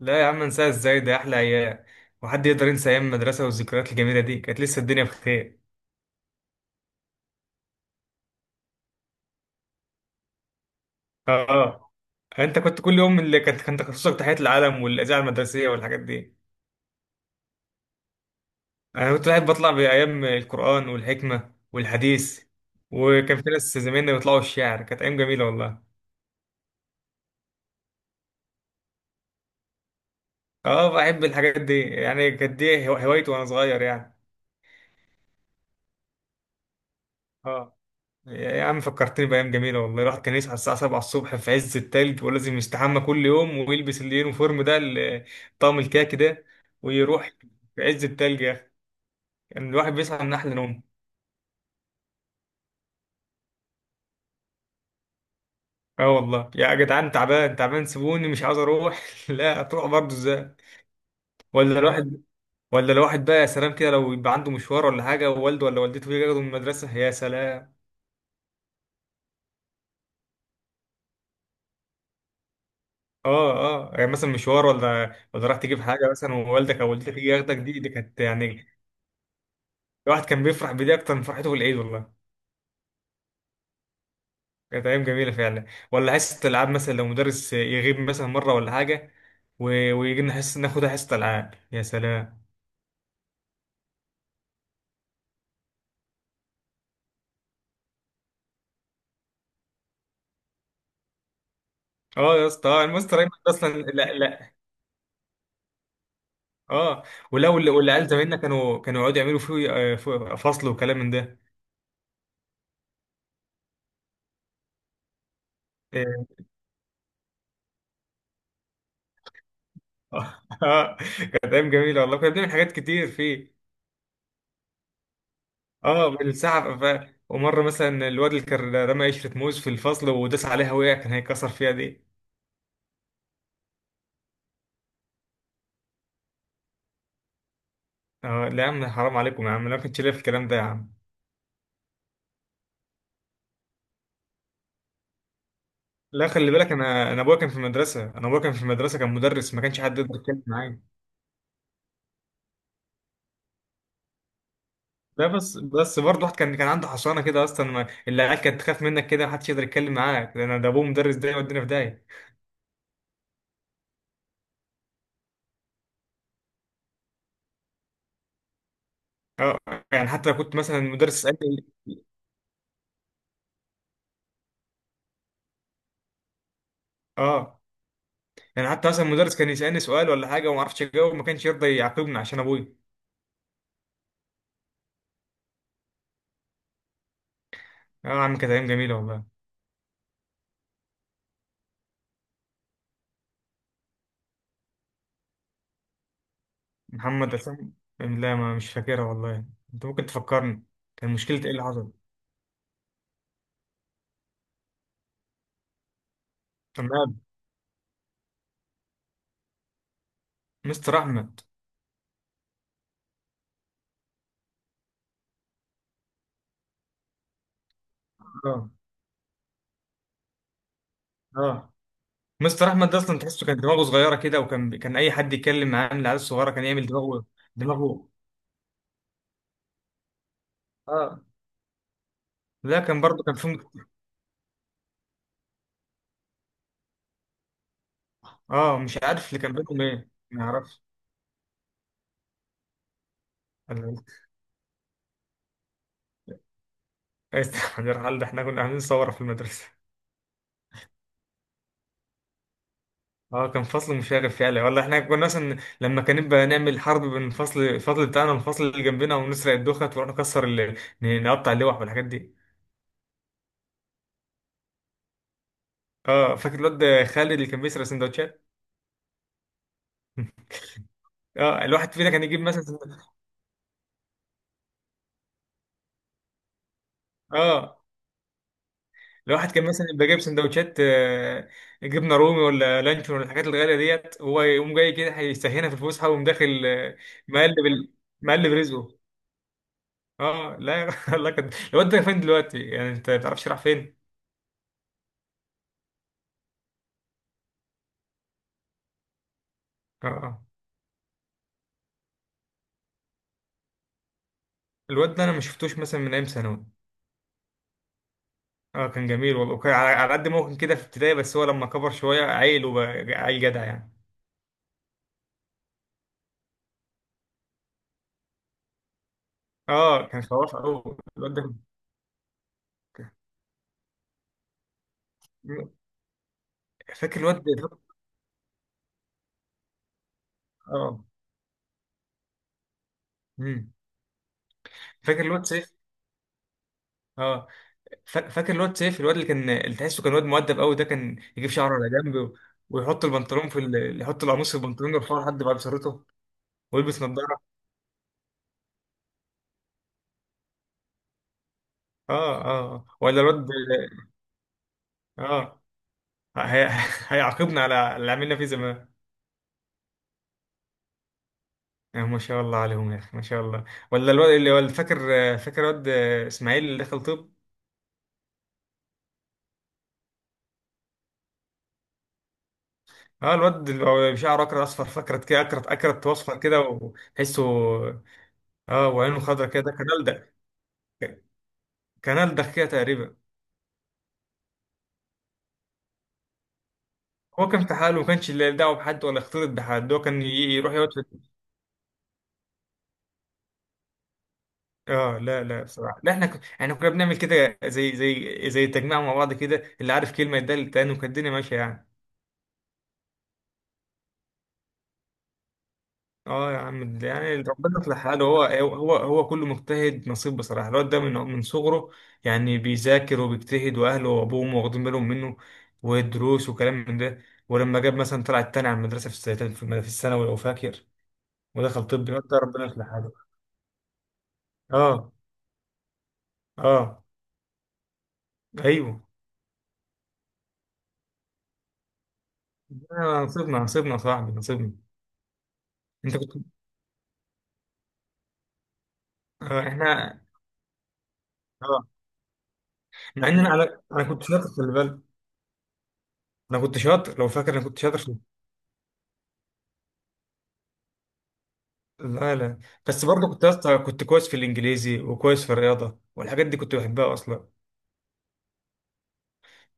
لا يا عم، انساها ازاي؟ ده احلى ايام. وحد يقدر ينسى ايام المدرسه والذكريات الجميله دي؟ كانت لسه الدنيا بخير. اه، انت كنت كل يوم اللي كانت كان تخصصك تحية العلم والاذاعه المدرسيه والحاجات دي. انا كنت قاعد بطلع بايام القران والحكمه والحديث، وكان في ناس زمايلنا بيطلعوا الشعر، كانت ايام جميله والله. اه، بحب الحاجات دي، يعني كانت دي هوايتي وانا صغير يعني. اه يا عم، فكرتني بأيام جميلة والله. الواحد كان يصحى الساعة 7 الصبح في عز التلج، ولازم يستحمى كل يوم ويلبس اليونيفورم ده، طقم الكاكي ده، ويروح في عز التلج يا أخي. يعني الواحد بيصحى من أحلى نوم. اه والله يا جدعان، تعبان تعبان سيبوني مش عاوز أروح لا هتروح برضه، إزاي؟ ولا الواحد، ولا الواحد بقى يا سلام كده لو يبقى عنده مشوار ولا حاجة، ووالده ولا والدته يجي ياخده من المدرسة، يا سلام. اه. اه يعني مثلا مشوار، ولا راح تجيب حاجة مثلا، ووالدك أو والدتك يجي ياخدك، دي كانت يعني الواحد كان بيفرح بدي اكتر من فرحته بالعيد والله. كانت ايام جميله فعلا. ولا حصه العاب مثلا لو مدرس يغيب مثلا مره ولا حاجه و... ويجي لنا حصه ناخدها حصه العاب يا سلام. اه يا اسطى، المستر ايمن ده اصلا لا لا. اه، والعيال زمايلنا كانوا يقعدوا يعملوا فيه، فيه فصل وكلام من ده. اه. كانت ايام جميله والله، كنا بنعمل حاجات كتير فيه. اه بالساعه ومره مثلا الواد اللي كان رمى قشره موز في الفصل وداس عليها وقع، كان هيكسر فيها دي. اه لا يا عم، حرام عليكم يا عم، لا ما كنتش ليا في الكلام ده يا عم. لا خلي بالك، انا ابويا كان في مدرسه، انا ابويا كان في مدرسه، كان مدرس، ما كانش حد يقدر يتكلم معايا. لا بس برضه، واحد كان عنده حصانه كده اصلا، ما العيال كانت تخاف منك كده، ما حدش يقدر يتكلم معاك لان ده ابوه مدرس، ده يودينا في داهيه. اه يعني حتى لو كنت مثلا مدرس يسالني. اه يعني حتى مثلا مدرس كان يسالني سؤال ولا حاجه وما اعرفش اجاوب، ما كانش يرضى يعاقبني عشان ابويا. اه يا عم كانت ايام جميله والله. محمد اسامه؟ لا، ما مش فاكرها والله. انت ممكن تفكرني؟ كان مشكله، ايه اللي حصل؟ تمام. مستر احمد. اه. اه، مستر احمد ده اصلا تحسه كان دماغه صغيره كده، وكان، اي حد يتكلم معاه من العيال الصغيره كان يعمل دماغه، دماغه. اه لا، كان برضه كان في. اه مش عارف اللي كان بينهم ايه، ما اعرفش. أنا- استحمل يا رحال، ده احنا كنا عاملين ثوره في المدرسه. اه كان فصل مشاغب فعلا والله، احنا كنا مثلا لما كان نبقى نعمل حرب بين الفصل، الفصل بتاعنا والفصل اللي جنبنا، ونسرق الدخت ونروح نكسر نقطع اللوح والحاجات دي. اه فاكر الواد خالد اللي كان بيسرق سندوتشات؟ اه الواحد فينا كان يجيب مثلا. اه الواحد كان مثلا يبقى جايب سندوتشات، جبنه رومي ولا لانشون ولا الحاجات الغاليه ديت، هو يقوم جاي كده هيستهينها في الفسحه، ويقوم داخل، مقلب ال... مقلب رزقه. اه لا الله، كان الواد ده فين دلوقتي يعني؟ انت ما تعرفش راح فين؟ اه آه. الواد ده انا ما شفتوش مثلا من ايام ثانوي. اه، كان جميل والله، وكان على، على قد ما هو كان كده في ابتدائي، بس هو لما كبر شويه عيل وبقى عيل جدع يعني. اه، كان خلاص قوي الواد ده. فاكر الواد ده. اه. مم. فاكر الواد سيف. اه. فاكر الواد سيف، الواد اللي كان، اللي تحسه كان واد مؤدب قوي، ده كان يجيب شعره على جنب و- ويحط البنطلون في ال... يحط القميص في البنطلون، يرفعه لحد بعد بشرته، ويلبس نظاره. اه اه آه. ولا الواد. اه آه. هيعاقبنا على اللي عملنا فيه زمان. آه ما شاء الله عليهم يا اخي، ما شاء الله. ولا الواد اللي هو اللي فاكر، فاكر الواد اسماعيل اللي دخل طب. اه الواد اللي هو شعره اكرت اصفر، فكرت كده، اكرت واصفر كده وتحسه. اه وعينه خضرا كده، كان ألدغ. كان ألدغ كده تقريبا. هو كان في حاله، ما كانش له دعوه بحد ولا يختلط بحد، هو كان يروح يقعد في. اه لا لا بصراحه، لا احنا احنا كنا بنعمل كده زي، زي، زي تجميع مع بعض كده، اللي عارف كلمه يدل التاني، وكانت الدنيا ماشيه يعني. اه يا عم ده يعني ربنا يصلح حاله، هو كله مجتهد نصيب بصراحه، الواد ده من صغره يعني بيذاكر وبيجتهد، واهله وابوه واخدين بالهم منه والدروس وكلام من ده. ولما جاب مثلا، طلع التاني على المدرسه في في الثانوي لو فاكر، ودخل طب، الواد ده ربنا يصلح حاله. اه. اه. ايوه. نصيبنا، نصيبنا يا صاحبي، نصيبنا. انت كنت. احنا. اه، مع ان انا، أنا كنت شاطر خلي بالك، انا كنت شاطر لو فاكر، انا كنت شاطر في. لا لا، بس برضه كنت يا اسطى كنت كويس في الانجليزي، وكويس في الرياضه، والحاجات دي كنت بحبها اصلا.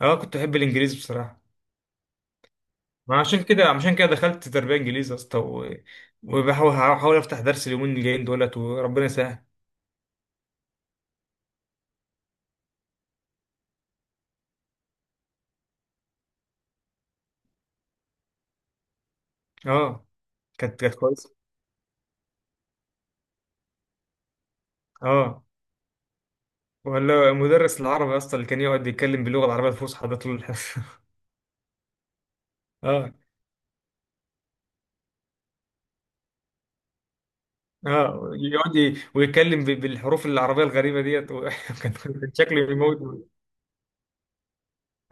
اه كنت بحب الانجليزي بصراحه. ما عشان كده، دخلت تربيه انجليزي يا اسطى و- وبحاول هحاول افتح درس اليومين الجايين دولت، وربنا يسهل. اه كانت كويسه. اه. ولا مدرس العربي يا اسطى اللي كان يقعد يتكلم باللغه العربيه الفصحى ده طول الحصه. اه. اه يقعد ويتكلم بالحروف العربيه الغريبه ديت و كان، كان شكله يموت.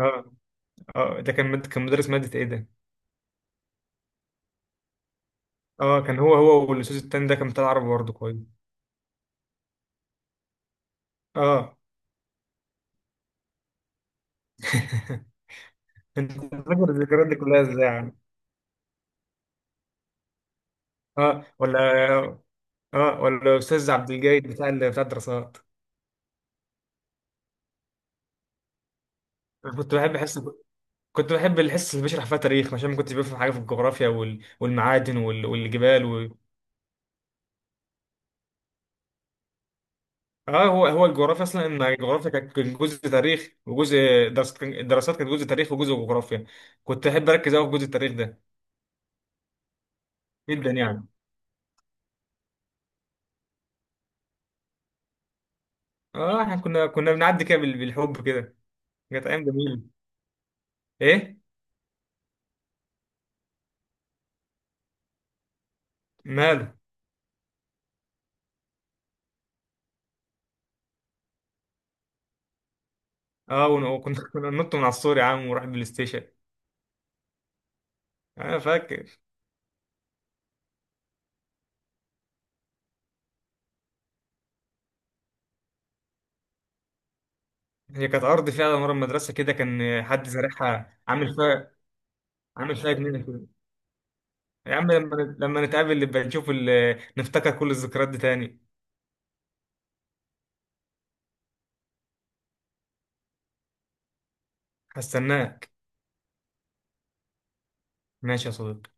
اه. اه ده كان كان مدرس ماده ايه ده؟ اه كان هو، والاستاذ التاني ده كان بتاع عربي برضه كويس. اه. انت فاكر الذكريات دي كلها ازاي يعني؟ اه ولا. اه ولا استاذ عبد الجيد بتاع بتاع الدراسات. أنا كنت بحب حس، كنت بحب الحصه اللي بيشرح فيها تاريخ، عشان ما كنتش بفهم حاجه في الجغرافيا والمعادن والجبال. اه، هو الجغرافيا اصلا، ان الجغرافيا كان جزء تاريخ وجزء، الدراسات كانت جزء تاريخ وجزء جغرافيا. كنت احب اركز قوي في جزء التاريخ ده، جدا يعني. اه احنا كنا بنعدي كده بالحب كده، كانت ايام جميله. ايه؟ ماله؟ اه وكنا كنا ننط من على السور يا عم ونروح البلاي ستيشن. انا فاكر. هي كانت ارض فيها مرة المدرسه كده، كان حد زارعها عامل فيها، عامل فيها جنينه كده. يا عم لما نتقابل نبقى نشوف نفتكر كل الذكريات دي تاني. هستناك. ماشي يا صديقي.